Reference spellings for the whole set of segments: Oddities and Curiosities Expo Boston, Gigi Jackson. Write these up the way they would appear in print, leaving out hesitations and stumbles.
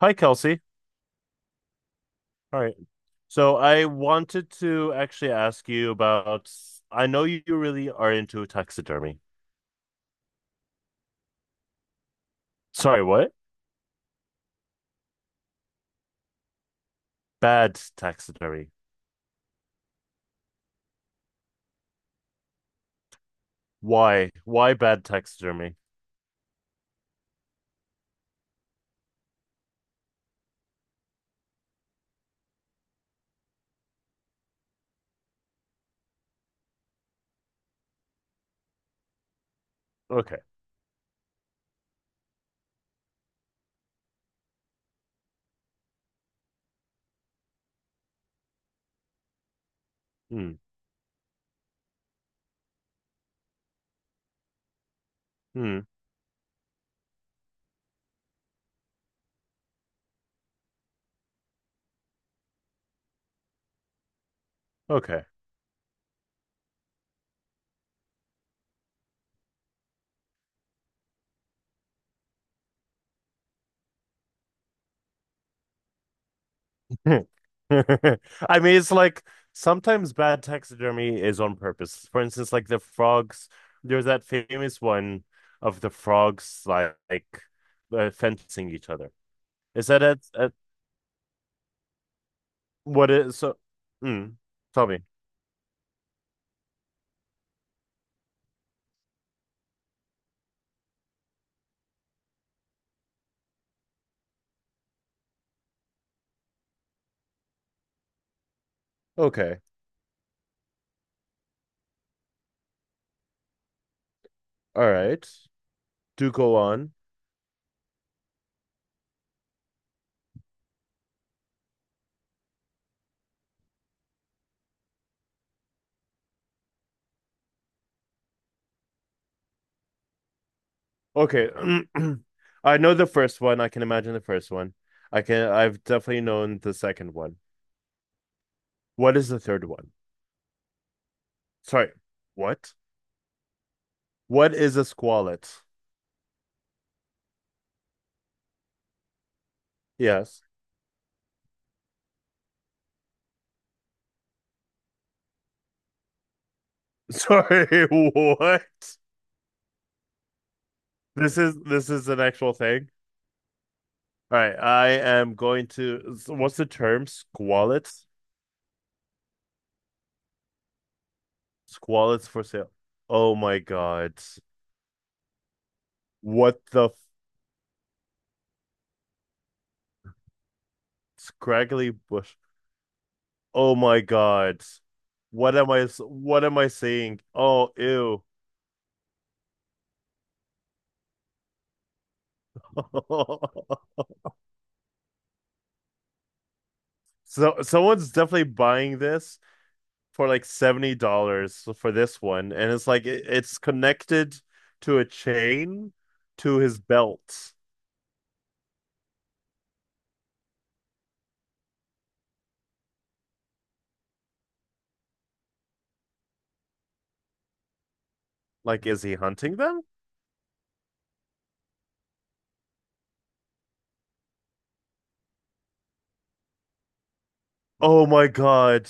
Hi, Kelsey. All right. So I wanted to actually ask you about. I know you really are into taxidermy. Sorry, what? Bad taxidermy. Why? Why bad taxidermy? Okay. Hmm. Hmm. Okay. I mean, it's like sometimes bad taxidermy is on purpose. For instance, like the frogs. There's that famous one of the frogs like fencing each other. Is that at, what is so? Mm, tell me. Okay. All right. Do go on. Okay. I know the first one. I can imagine the first one. I can. I've definitely known the second one. What is the third one? Sorry. What? What is a squalet? Yes. Sorry. What? This is an actual thing. All right. I am going to. What's the term? Squalets. Squalets for sale. Oh my God. What the scraggly bush. Oh my God. What am I? What am I saying? Oh, ew. So someone's definitely buying this for like $70 for this one, and it's like it's connected to a chain to his belt. Like is he hunting them? Oh my God.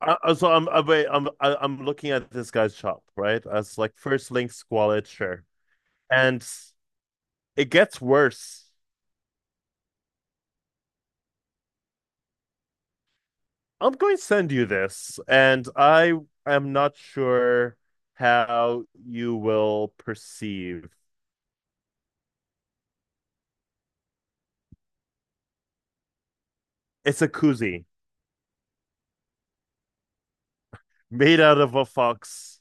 So I'm wait, I'm looking at this guy's shop, right? As like first link squalid, sure. And it gets worse. I'm going to send you this, and I am not sure how you will perceive. It's a koozie made out of a fox.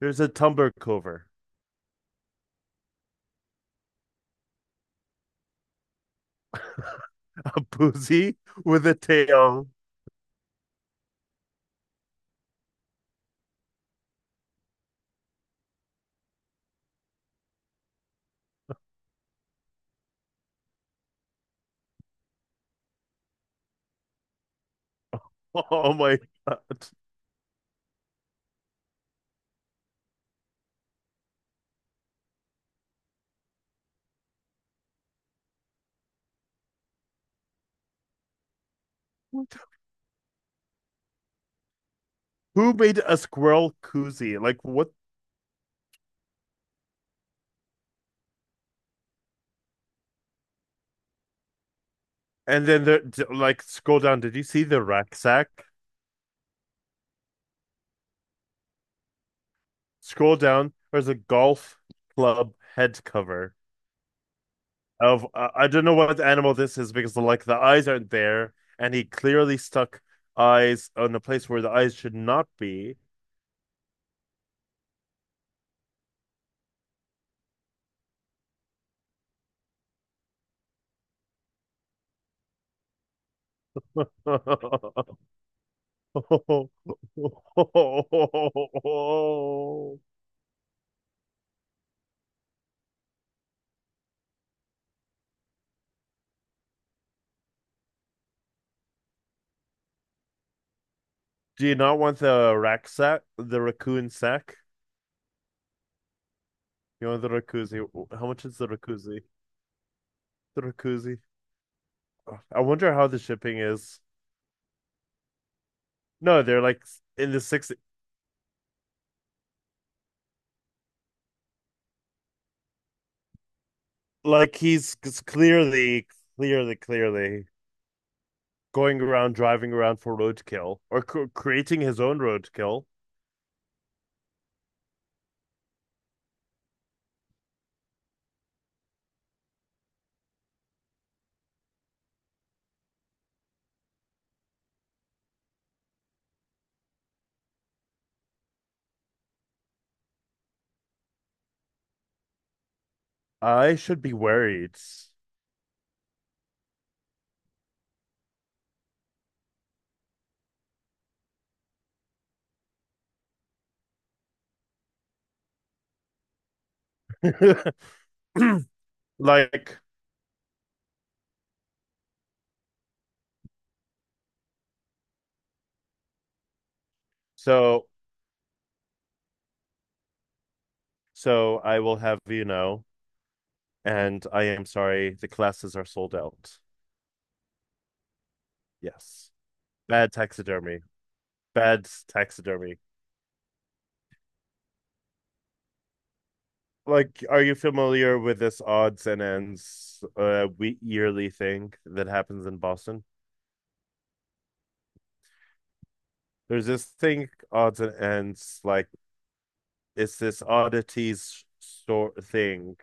There's a tumbler cover, a boozy with a tail. Oh my god! Who made a squirrel koozie? Like what? And then there, like, scroll down. Did you see the rucksack? Scroll down. There's a golf club head cover of I don't know what animal this is because like the eyes aren't there, and he clearly stuck eyes on the place where the eyes should not be. Do you not want the rack sack, the raccoon sack? You want the rakuzi? How much is the rakuzi? The rakuzi. I wonder how the shipping is. No, they're like in the six. Like he's clearly, clearly, clearly going around driving around for roadkill or creating his own roadkill. I should be worried. like so so I will have you know, and I am sorry the classes are sold out. Yes. Bad taxidermy. Bad taxidermy. Like, are you familiar with this odds and ends we yearly thing that happens in Boston? There's this thing odds and ends like it's this oddities sort thing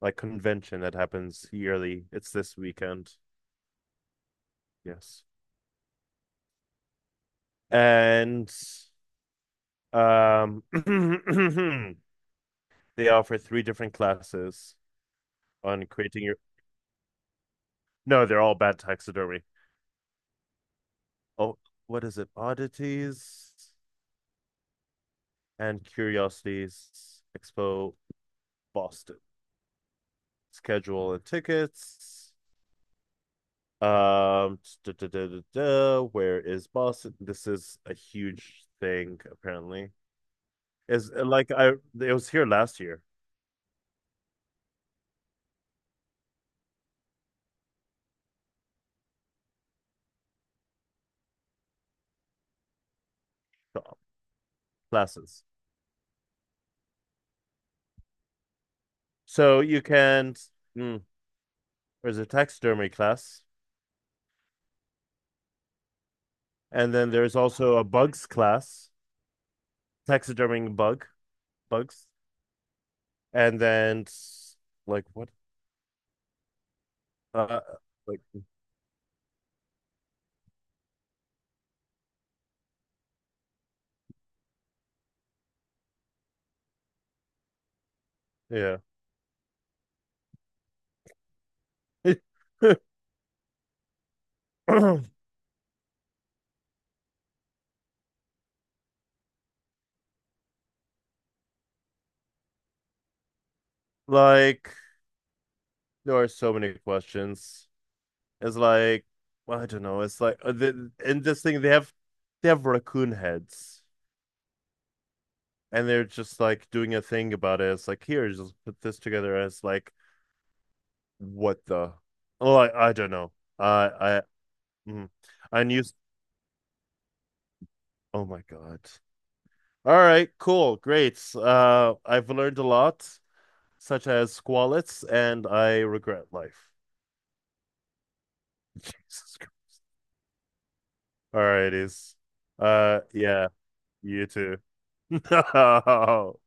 like convention that happens yearly. It's this weekend. Yes. And um they offer three different classes on creating your no, they're all bad taxidermy. Oh, what is it? Oddities and Curiosities Expo Boston. Schedule and tickets. Da, da, da, da, da. Where is Boston? This is a huge thing, apparently. Is like I it was here last year. Classes. So you can, mm, there's a taxidermy class, and then there's also a bugs class, taxiderming bugs, and then like what, uh, like yeah, like there are so many questions. It's like well, I don't know. It's like in this thing they have raccoon heads. And they're just like doing a thing about it. It's like here, just put this together as like what the oh I don't know. Uh, I mm, unused oh my God. All right, cool, great. Uh, I've learned a lot, such as squalets, and I regret life. Jesus Christ. All righties. Yeah, you too. No.